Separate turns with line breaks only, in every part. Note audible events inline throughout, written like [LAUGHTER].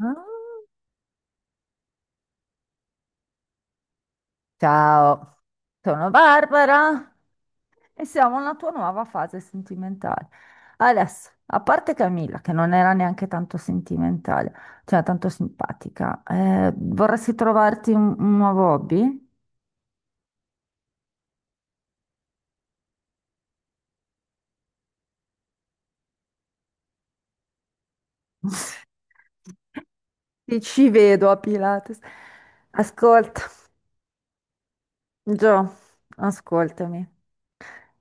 Ah. Ciao, sono Barbara e siamo alla tua nuova fase sentimentale. Adesso, a parte Camilla, che non era neanche tanto sentimentale, cioè tanto simpatica, vorresti trovarti un nuovo hobby? [LAUGHS] Ti ci vedo a Pilates. Ascolta, Gio, ascoltami.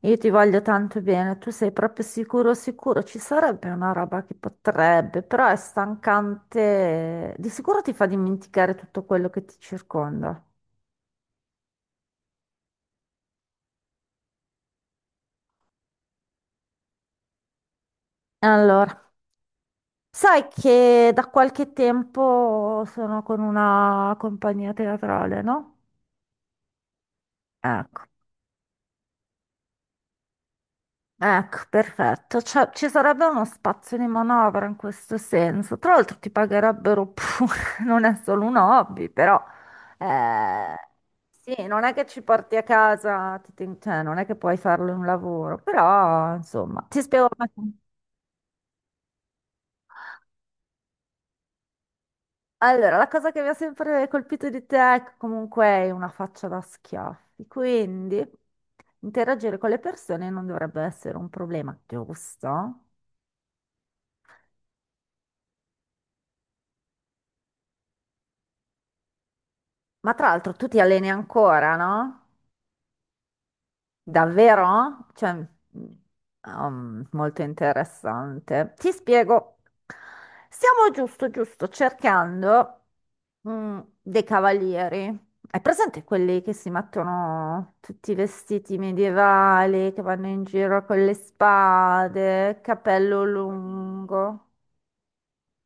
Io ti voglio tanto bene, tu sei proprio sicuro, sicuro, ci sarebbe una roba che potrebbe, però è stancante, di sicuro ti fa dimenticare tutto quello che ti circonda. Allora, sai che da qualche tempo sono con una compagnia teatrale, no? Ecco. Ecco, perfetto. Cioè, ci sarebbe uno spazio di manovra in questo senso. Tra l'altro ti pagherebbero pure, [LAUGHS] non è solo un hobby, però eh, sì, non è che ci porti a casa, cioè, non è che puoi farlo in un lavoro, però insomma, ti spiego. Un attimo. Allora, la cosa che mi ha sempre colpito di te è che comunque hai una faccia da schiaffi, quindi interagire con le persone non dovrebbe essere un problema, giusto? Ma tra l'altro tu ti alleni ancora, no? Davvero? Cioè, mm, molto interessante. Ti spiego. Stiamo giusto cercando mm, dei cavalieri. Hai presente quelli che si mettono tutti i vestiti medievali, che vanno in giro con le spade, capello lungo?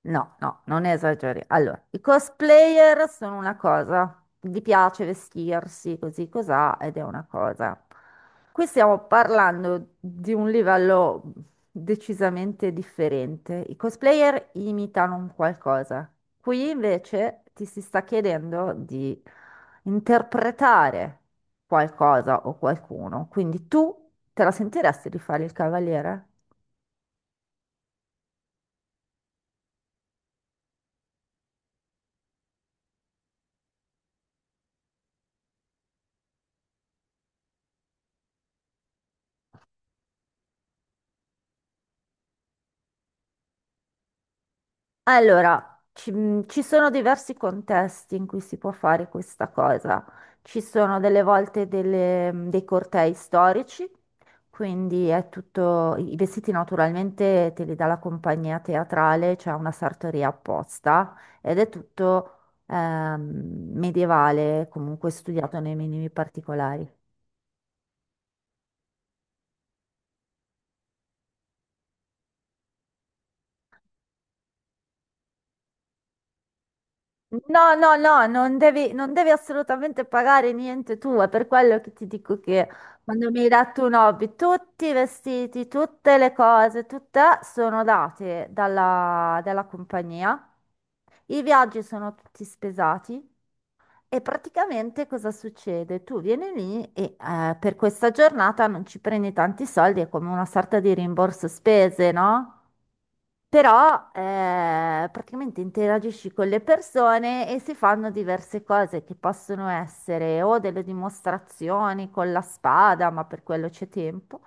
No, no, non esageri. Allora, i cosplayer sono una cosa, gli piace vestirsi così cosà ed è una cosa. Qui stiamo parlando di un livello decisamente differente. I cosplayer imitano un qualcosa. Qui invece ti si sta chiedendo di interpretare qualcosa o qualcuno. Quindi tu te la sentiresti di fare il cavaliere? Allora, ci, ci sono diversi contesti in cui si può fare questa cosa. Ci sono delle volte dei cortei storici, quindi è tutto, i vestiti naturalmente te li dà la compagnia teatrale, c'è una sartoria apposta ed è tutto medievale, comunque studiato nei minimi particolari. No, no, no, non devi assolutamente pagare niente tu, è per quello che ti dico che quando mi hai dato un hobby, tutti i vestiti, tutte le cose, tutte sono date dalla compagnia, i viaggi sono tutti spesati e praticamente cosa succede? Tu vieni lì e per questa giornata non ci prendi tanti soldi, è come una sorta di rimborso spese, no? Però praticamente interagisci con le persone e si fanno diverse cose che possono essere o delle dimostrazioni con la spada, ma per quello c'è tempo,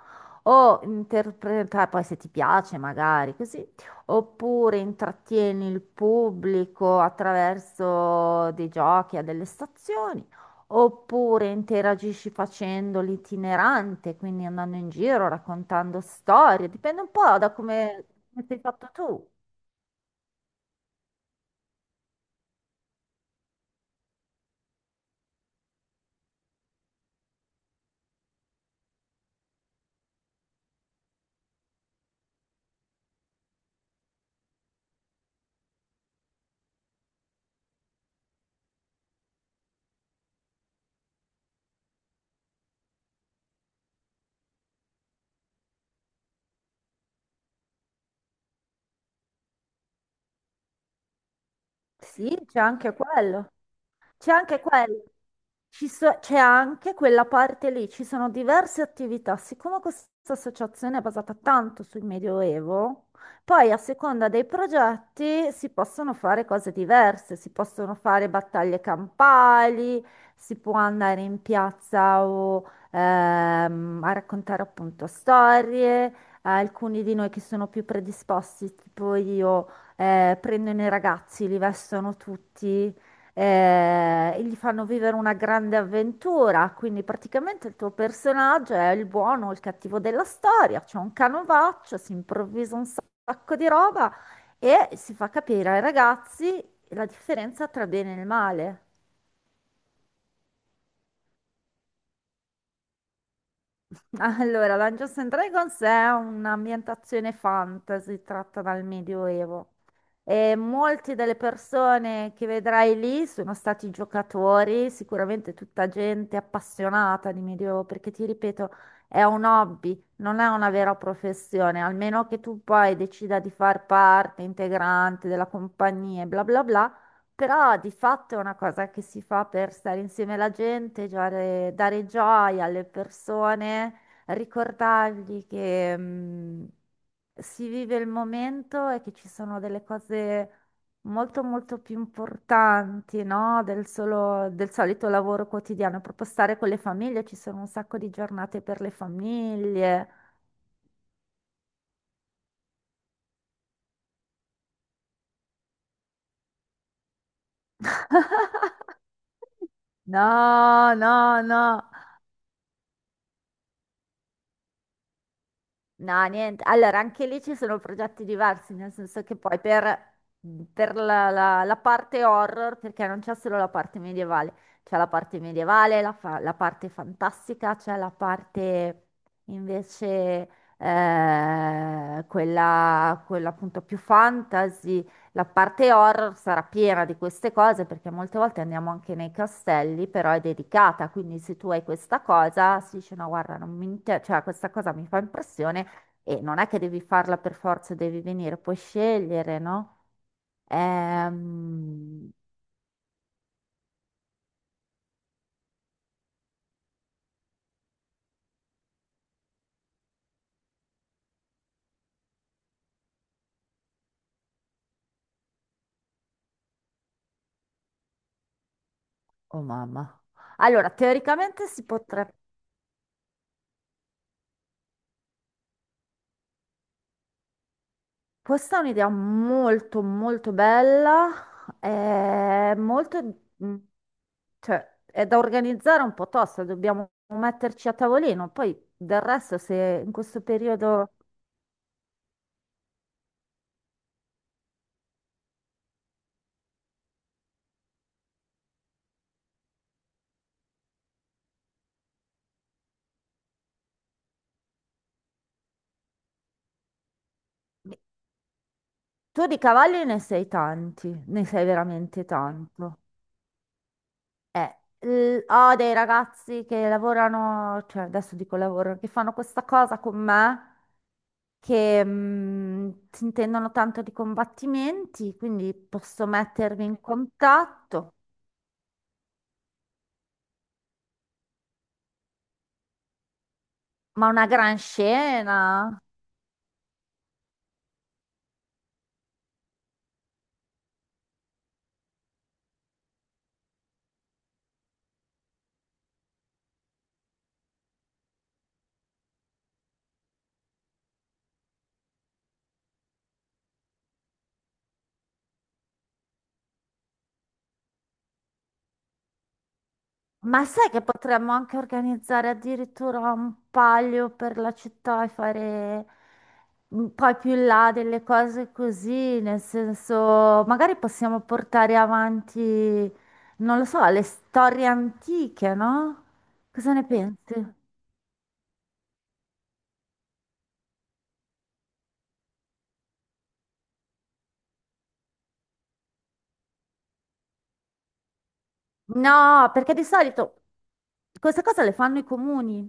o interpretare, poi se ti piace magari così, oppure intrattieni il pubblico attraverso dei giochi a delle stazioni. Oppure interagisci facendo l'itinerante, quindi andando in giro, raccontando storie, dipende un po' da come sei fatto tu. Sì, c'è anche quello. C'è anche quella, c'è anche quella parte lì, ci sono diverse attività. Siccome questa associazione è basata tanto sul Medioevo, poi a seconda dei progetti si possono fare cose diverse, si possono fare battaglie campali, si può andare in piazza o, a raccontare appunto storie. Alcuni di noi che sono più predisposti, tipo io, prendono i ragazzi, li vestono tutti e gli fanno vivere una grande avventura. Quindi praticamente il tuo personaggio è il buono o il cattivo della storia, c'è un canovaccio, si improvvisa un sacco di roba e si fa capire ai ragazzi la differenza tra bene e il male. Allora, Dungeons and Dragons è un'ambientazione fantasy tratta dal Medioevo e molte delle persone che vedrai lì sono stati giocatori, sicuramente tutta gente appassionata di Medioevo, perché ti ripeto, è un hobby, non è una vera professione, almeno che tu poi decida di far parte integrante della compagnia e bla bla bla. Però di fatto è una cosa che si fa per stare insieme alla gente, dare gioia alle persone ricordargli che si vive il momento e che ci sono delle cose molto molto più importanti, no? Del solito lavoro quotidiano, proprio stare con le famiglie, ci sono un sacco di giornate per le famiglie. [LAUGHS] No, no, no. No, niente. Allora, anche lì ci sono progetti diversi, nel senso che per la, la parte horror, perché non c'è solo la parte medievale, c'è la parte medievale, la parte fantastica, c'è la parte invece quella appunto più fantasy. La parte horror sarà piena di queste cose perché molte volte andiamo anche nei castelli, però è dedicata, quindi se tu hai questa cosa, si dice no, guarda, non mi inter- cioè, questa cosa mi fa impressione e non è che devi farla per forza, devi venire, puoi scegliere, no? Ehm, Oh mamma. Allora, teoricamente si potrebbe... Questa è un'idea molto molto bella, è molto... mm, cioè, è da organizzare un po' tosta, dobbiamo metterci a tavolino, poi del resto se in questo periodo... Tu di cavalli ne sei tanti, ne sei veramente tanto. Eh, ho dei ragazzi che lavorano, cioè adesso dico lavoro, che fanno questa cosa con me, che si intendono tanto di combattimenti, quindi posso mettervi in contatto. Ma una gran scena! Ma sai che potremmo anche organizzare addirittura un palio per la città e fare mm, poi più in là delle cose così, nel senso, magari possiamo portare avanti, non lo so, le storie antiche, no? Cosa ne pensi? No, perché di solito queste cose le fanno i comuni.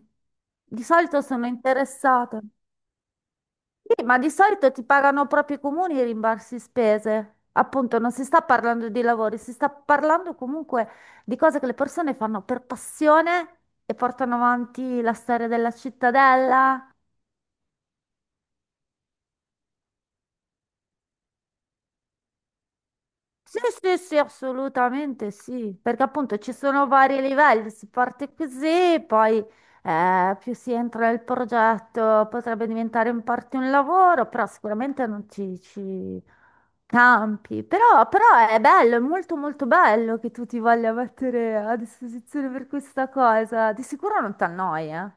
Di solito sono interessate. Sì, ma di solito ti pagano proprio i comuni i rimborsi spese. Appunto, non si sta parlando di lavori, si sta parlando comunque di cose che le persone fanno per passione e portano avanti la storia della cittadella. Sì, sì, sì, assolutamente sì, perché appunto ci sono vari livelli, si parte così, poi più si entra nel progetto potrebbe diventare in parte un lavoro, però sicuramente non ci, ci campi, però è bello, è molto molto bello che tu ti voglia mettere a disposizione per questa cosa, di sicuro non ti annoia.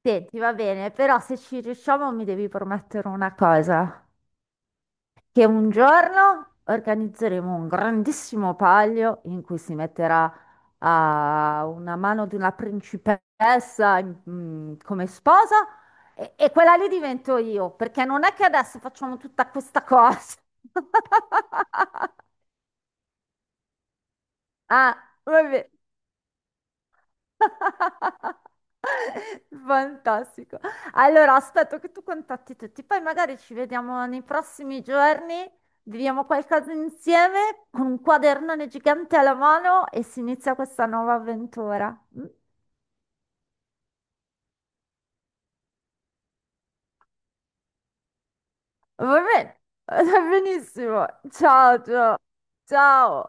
Senti, va bene, però se ci riusciamo mi devi promettere una cosa. Che un giorno organizzeremo un grandissimo palio in cui si metterà a una mano di una principessa come sposa e quella lì divento io, perché non è che adesso facciamo tutta questa cosa. [LAUGHS] Ah, vabbè. [LAUGHS] Fantastico. Allora, aspetto che tu contatti tutti, poi magari ci vediamo nei prossimi giorni, viviamo qualcosa insieme con un quadernone gigante alla mano e si inizia questa nuova avventura. Mm? Va bene, [LAUGHS] va benissimo. Ciao, ciao. Ciao.